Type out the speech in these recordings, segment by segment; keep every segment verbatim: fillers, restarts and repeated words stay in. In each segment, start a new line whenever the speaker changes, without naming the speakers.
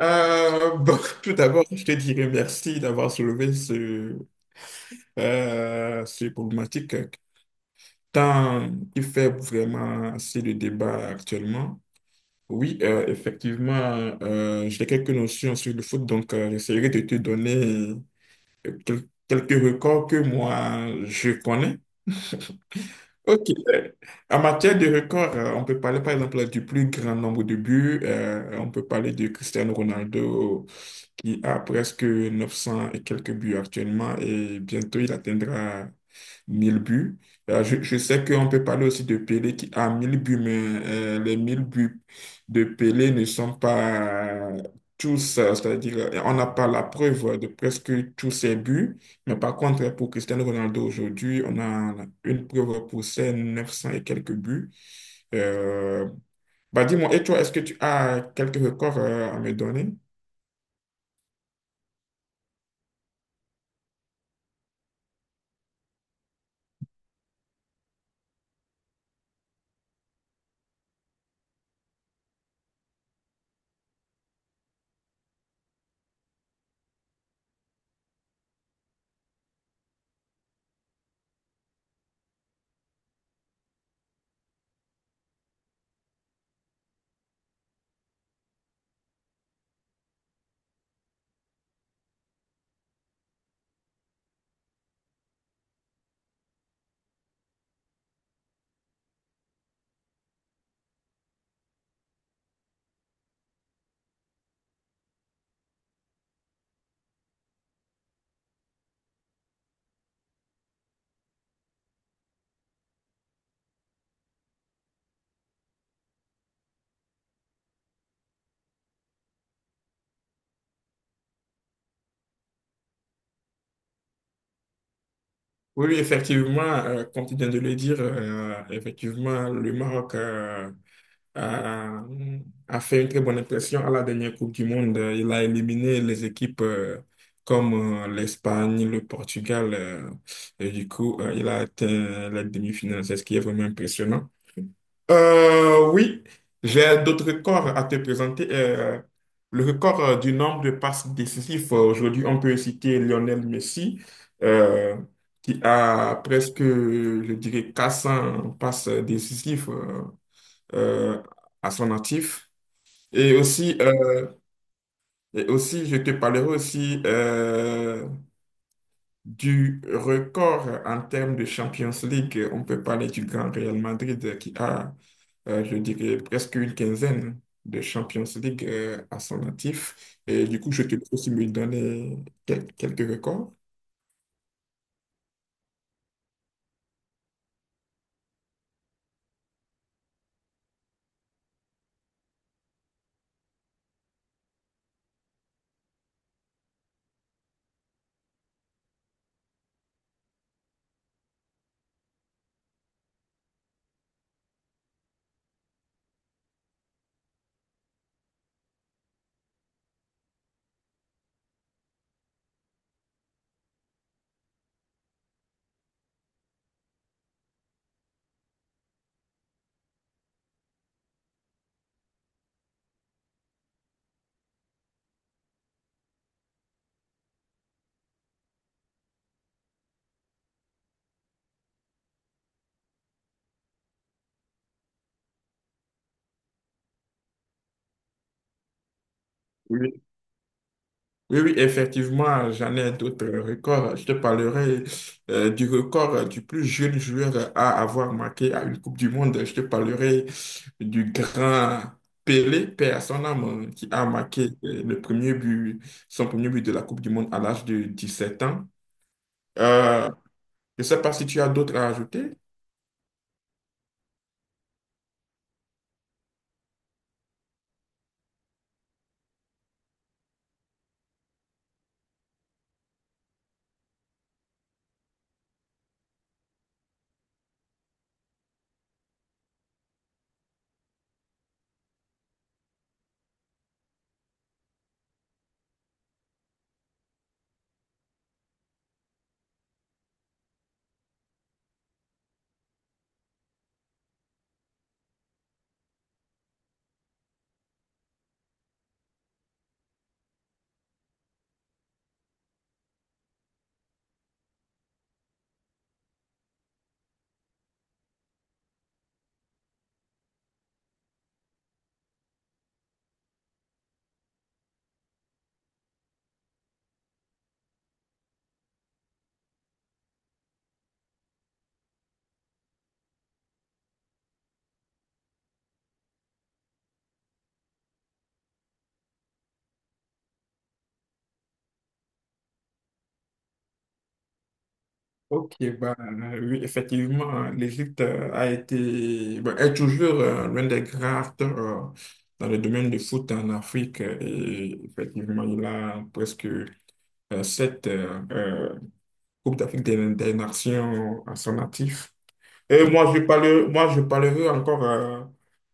Euh, bon, tout d'abord, je te dirais merci d'avoir soulevé ce, euh, ce problématique tant il fait vraiment assez de débat actuellement. Oui, euh, effectivement, euh, j'ai quelques notions sur le foot, donc euh, j'essaierai de te donner euh, quel- quelques records que moi je connais. Ok. euh, En matière de records, euh, on peut parler par exemple du plus grand nombre de buts. euh, on peut parler de Cristiano Ronaldo qui a presque neuf cents et quelques buts actuellement et bientôt il atteindra mille buts. Euh, je, je sais qu'on peut parler aussi de Pelé qui a mille buts, mais euh, les mille buts de Pelé ne sont pas tous, euh, c'est-à-dire euh, on n'a pas la preuve de presque tous ses buts, mais par contre pour Cristiano Ronaldo aujourd'hui, on a une preuve pour ses neuf cents et quelques buts. Euh, bah dis-moi, et toi, est-ce que tu as quelques records euh, à me donner? Oui, oui, effectivement, euh, comme tu viens de le dire, euh, effectivement, le Maroc euh, a, a fait une très bonne impression à la dernière Coupe du Monde. Euh, Il a éliminé les équipes euh, comme euh, l'Espagne, le Portugal. euh, et du coup, euh, il a atteint la demi-finale. C'est ce qui est vraiment impressionnant. Euh, oui, j'ai d'autres records à te présenter. Euh, le record euh, du nombre de passes décisives, euh, aujourd'hui, on peut citer Lionel Messi, euh, qui a presque, je dirais, quatre cents passes décisives euh, euh, à son actif. Et aussi, euh, et aussi, je te parlerai aussi euh, du record en termes de Champions League. On peut parler du grand Real Madrid euh, qui a euh, je dirais presque une quinzaine de Champions League euh, à son actif. Et du coup, je te laisse aussi me donner quel- quelques records. Oui, oui, oui, effectivement, j'en ai d'autres records. Je te parlerai euh, du record du plus jeune joueur à avoir marqué à une Coupe du Monde. Je te parlerai du grand Pelé, paix à son âme, qui a marqué euh, le premier but, son premier but de la Coupe du Monde à l'âge de dix-sept ans. Euh, je ne sais pas si tu as d'autres à ajouter. Ok, bah, euh, oui, effectivement, l'Égypte euh, a été, bah, est toujours euh, l'un des grands acteurs euh, dans le domaine du foot en Afrique. Et effectivement, il a presque euh, sept euh, euh, Coupes d'Afrique des, des Nations à son actif. Et moi, je parle, moi, je parlerai encore euh,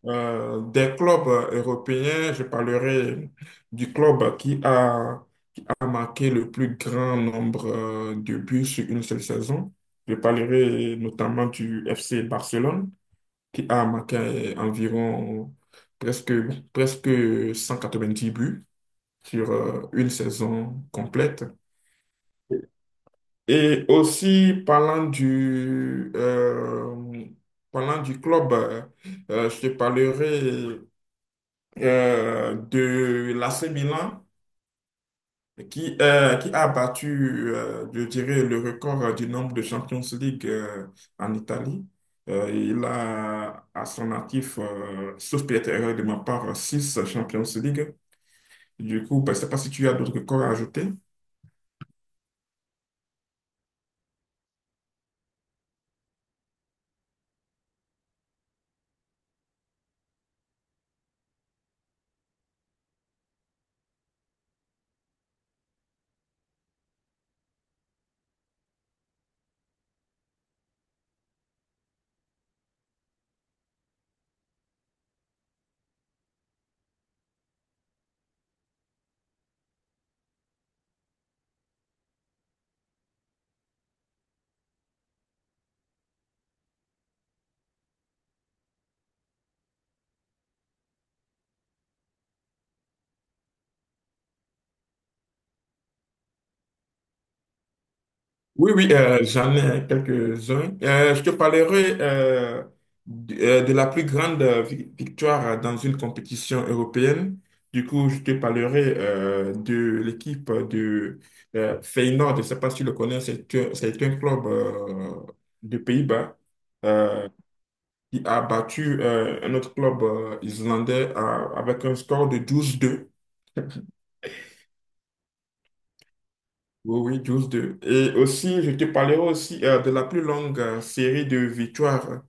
euh, des clubs euh, européens. Je parlerai du club qui a a marqué le plus grand nombre euh, de buts sur une seule saison. Je parlerai notamment du F C Barcelone, qui a marqué euh, environ presque, presque cent quatre-vingt-dix buts sur euh, une saison complète. Et aussi, parlant du, euh, Parlant du club, euh, euh, je te parlerai euh, de l'A C Milan qui, euh, qui a battu, euh, je dirais, le record euh, du nombre de Champions League euh, en Italie. Euh, il a à son actif, euh, sauf peut-être erreur de ma part, six Champions League. Du coup, ben, je ne sais pas si tu as d'autres records à ajouter. Oui, oui, euh, J'en ai quelques-uns. Euh, je te parlerai euh, d- euh, de la plus grande euh, vi- victoire dans une compétition européenne. Du coup, je te parlerai euh, de l'équipe de euh, Feyenoord. Je ne sais pas si tu le connais, c'est un, c'est un club euh, de Pays-Bas euh, qui a battu euh, un autre club euh, islandais à- avec un score de douze deux. Oui, oui, douze deux. Et aussi, je te parlerai aussi euh, de la plus longue euh, série de victoires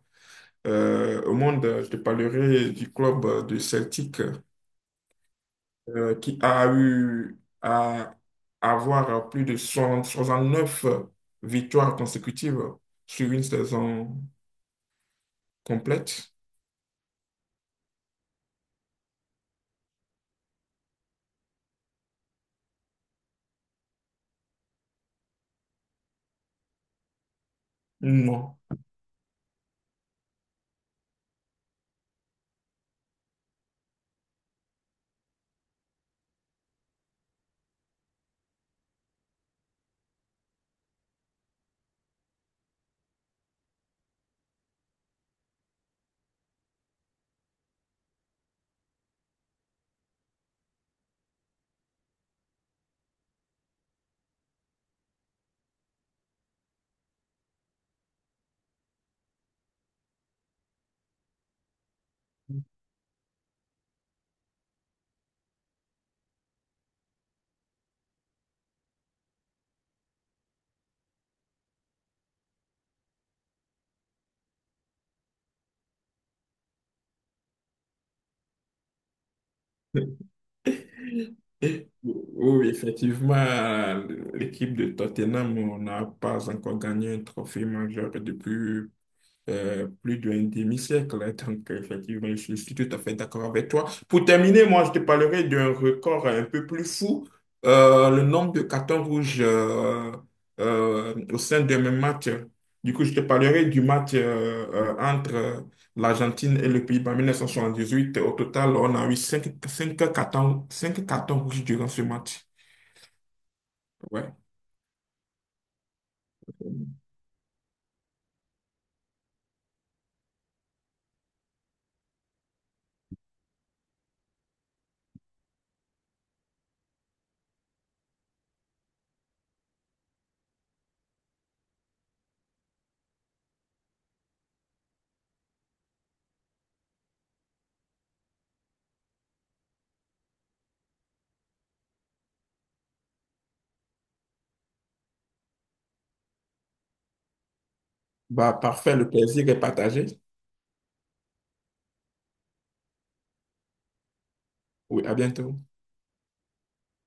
Euh, au monde, je te parlerai du club euh, de Celtic euh, qui a eu à avoir plus de soixante soixante-neuf victoires consécutives sur une saison complète. Non. Et- Oui, effectivement, l'équipe de Tottenham n'a pas encore gagné un trophée majeur depuis euh, plus d'un demi-siècle, hein. Donc, effectivement, je suis tout à fait d'accord avec toi. Pour terminer, moi, je te parlerai d'un record un peu plus fou, euh, le nombre de cartons rouges euh, euh, au sein d'un même match. Du coup, je te parlerai du match euh, euh, entre l'Argentine et le Pays-Bas en mille neuf cent soixante-dix-huit. Au total, on a eu cinq cinq cartons, cinq cartons rouges durant ce match. Ouais. Bah, parfait, le plaisir est partagé. Oui, à bientôt.